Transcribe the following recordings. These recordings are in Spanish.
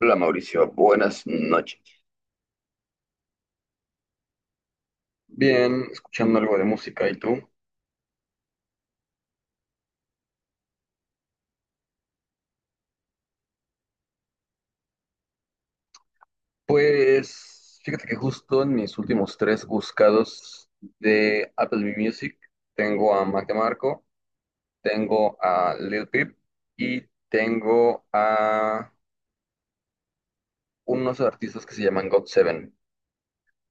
Hola Mauricio, buenas noches. Bien, escuchando algo de música, ¿y tú? Pues fíjate que justo en mis últimos tres buscados de Apple Music tengo a Mac DeMarco, tengo a Lil Peep y tengo a unos artistas que se llaman God Seven.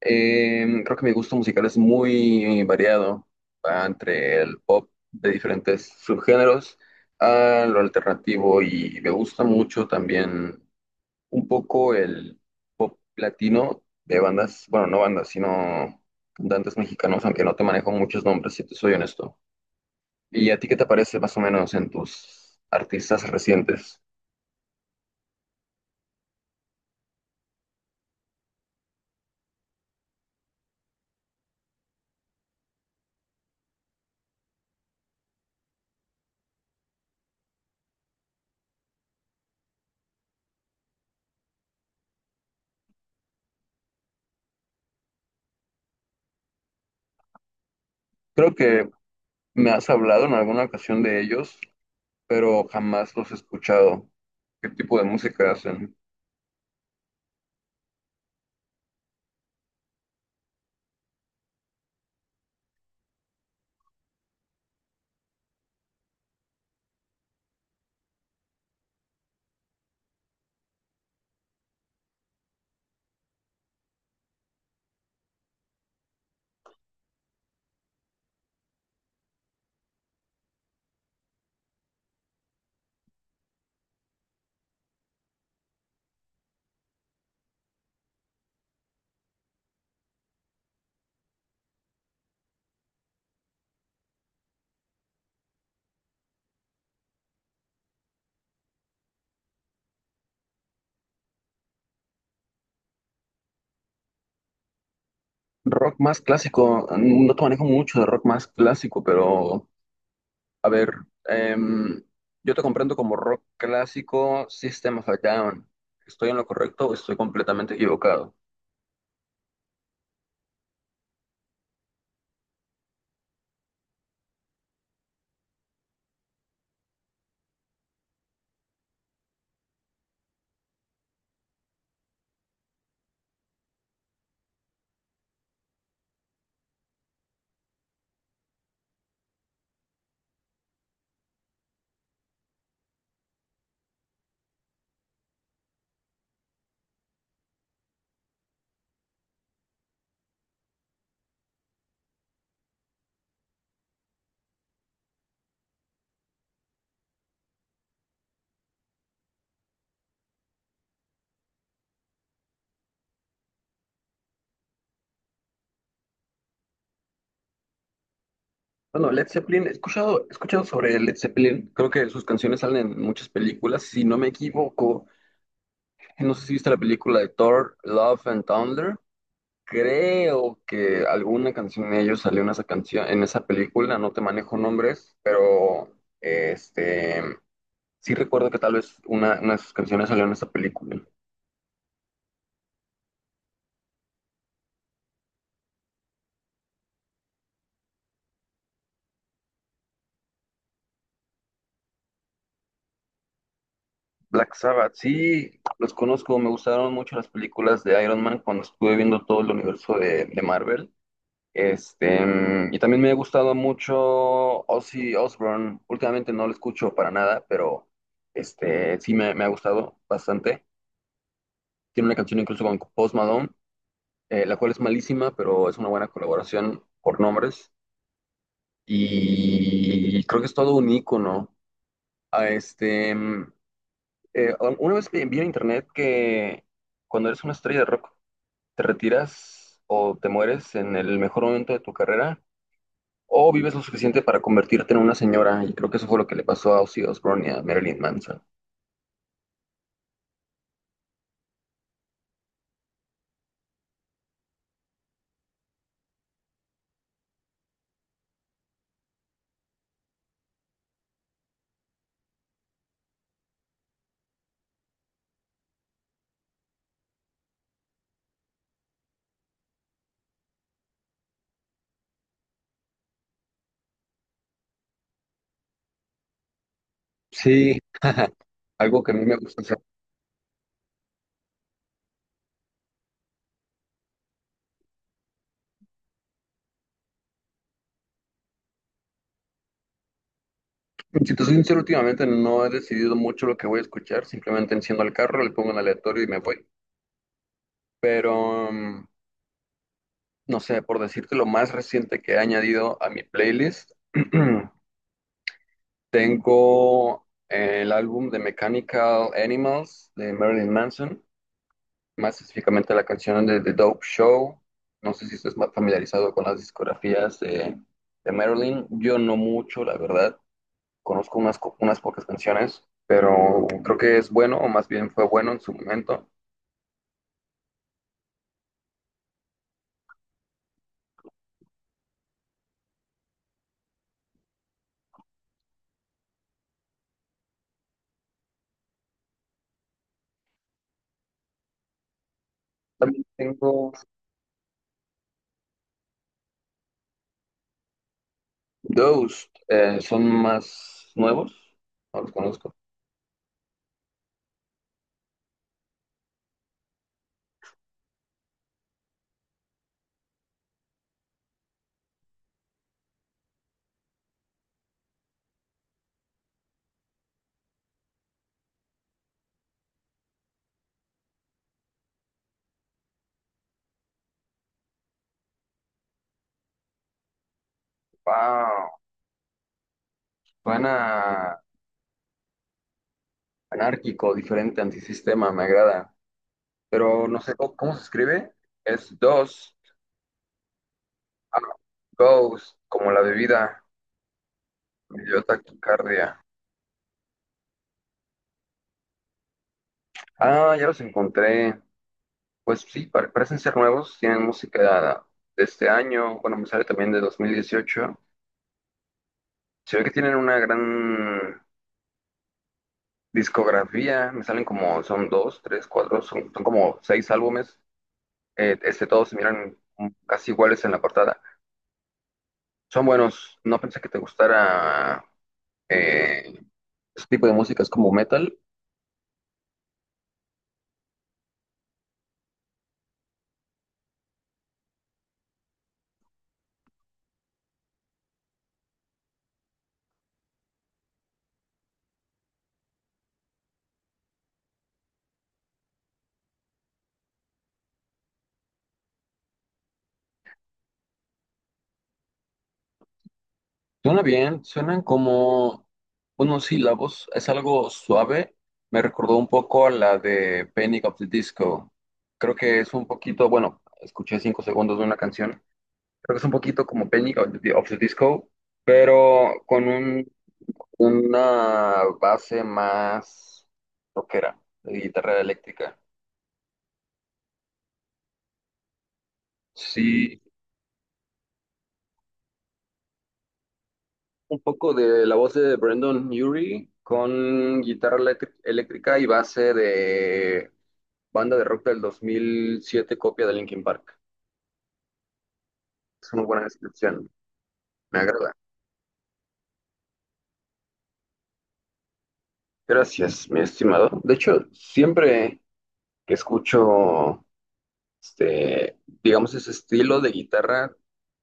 Creo que mi gusto musical es muy variado, va entre el pop de diferentes subgéneros a lo alternativo y me gusta mucho también un poco el latino de bandas, bueno, no bandas, sino cantantes mexicanos, aunque no te manejo muchos nombres, si te soy honesto. ¿Y a ti qué te parece más o menos en tus artistas recientes? Creo que me has hablado en alguna ocasión de ellos, pero jamás los he escuchado. ¿Qué tipo de música hacen? Rock más clásico, no te manejo mucho de rock más clásico, pero a ver, em, yo te comprendo como rock clásico, System of a Down. ¿Estoy en lo correcto o estoy completamente equivocado? Bueno, Led Zeppelin, he escuchado sobre Led Zeppelin. Creo que sus canciones salen en muchas películas. Si no me equivoco, no sé si viste la película de Thor, Love and Thunder. Creo que alguna canción de ellos salió en esa canción, en esa película. No te manejo nombres, pero este, sí recuerdo que tal vez una de sus canciones salió en esa película. Black Sabbath, sí, los conozco, me gustaron mucho las películas de Iron Man cuando estuve viendo todo el universo de Marvel. Este, y también me ha gustado mucho Ozzy Osbourne. Últimamente no lo escucho para nada, pero este, sí me ha gustado bastante. Tiene una canción incluso con Post Malone, la cual es malísima, pero es una buena colaboración por nombres. Y creo que es todo un ícono. Ah, este, mm, una vez vi en internet que cuando eres una estrella de rock, te retiras o te mueres en el mejor momento de tu carrera o vives lo suficiente para convertirte en una señora. Y creo que eso fue lo que le pasó a Ozzy Osbourne y a Marilyn Manson. Sí, algo que a mí me gusta hacer. Si te soy sincero, últimamente no he decidido mucho lo que voy a escuchar. Simplemente enciendo el carro, le pongo en aleatorio y me voy. Pero, no sé, por decirte lo más reciente que he añadido a mi playlist. Tengo el álbum de Mechanical Animals de Marilyn Manson, más específicamente la canción de The Dope Show. No sé si estás más familiarizado con las discografías de Marilyn. Yo no mucho, la verdad. Conozco unas pocas canciones, pero creo que es bueno, o más bien fue bueno en su momento. También tengo Ghost, son más nuevos, no los conozco. Wow, suena anárquico, diferente, antisistema, me agrada, pero no sé cómo se escribe. Es dos. Ah, ghost, como la bebida. Me dio taquicardia. Ah, ya los encontré. Pues sí, parecen ser nuevos. Tienen música de este año. Bueno, me sale también de 2018. Se ve que tienen una gran discografía. Me salen como, son dos, tres, cuatro, son, son como seis álbumes. Todos se miran casi iguales en la portada. Son buenos. No pensé que te gustara eh, ese tipo de música es como metal. Suena bien, suenan como unos sílabos, es algo suave. Me recordó un poco a la de Panic of the Disco. Creo que es un poquito, bueno, escuché 5 segundos de una canción. Creo que es un poquito como Panic of the Disco, pero con una base más rockera, de guitarra eléctrica. Sí, un poco de la voz de Brandon Urie con guitarra eléctrica y base de banda de rock del 2007, copia de Linkin Park. Es una buena descripción, me agrada. Gracias, mi estimado. De hecho, siempre que escucho, este, digamos, ese estilo de guitarra,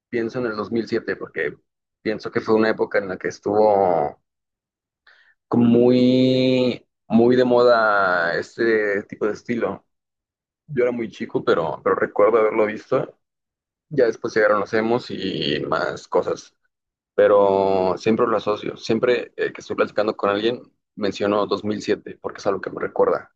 pienso en el 2007, porque pienso que fue una época en la que estuvo como muy de moda este tipo de estilo. Yo era muy chico, pero recuerdo haberlo visto. Ya después llegaron los emos y más cosas. Pero siempre lo asocio. Siempre que estoy platicando con alguien, menciono 2007 porque es algo que me recuerda.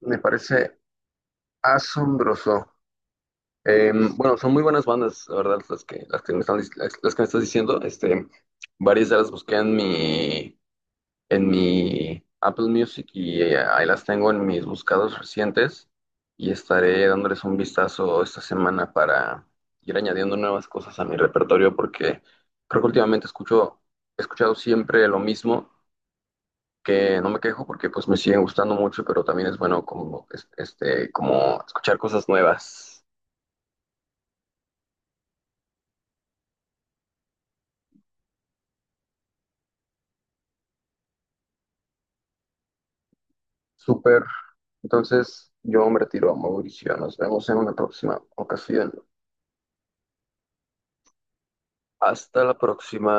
Me parece asombroso. Bueno, son muy buenas bandas, la verdad, las que me están, las que me estás diciendo. Este, varias ya las busqué en en mi Apple Music y ahí las tengo en mis buscados recientes y estaré dándoles un vistazo esta semana para ir añadiendo nuevas cosas a mi repertorio porque creo que últimamente escucho, he escuchado siempre lo mismo, que no me quejo porque pues me siguen gustando mucho, pero también es bueno como, este, como escuchar cosas nuevas. Súper. Entonces yo me retiro a Mauricio. Nos vemos en una próxima ocasión. Hasta la próxima.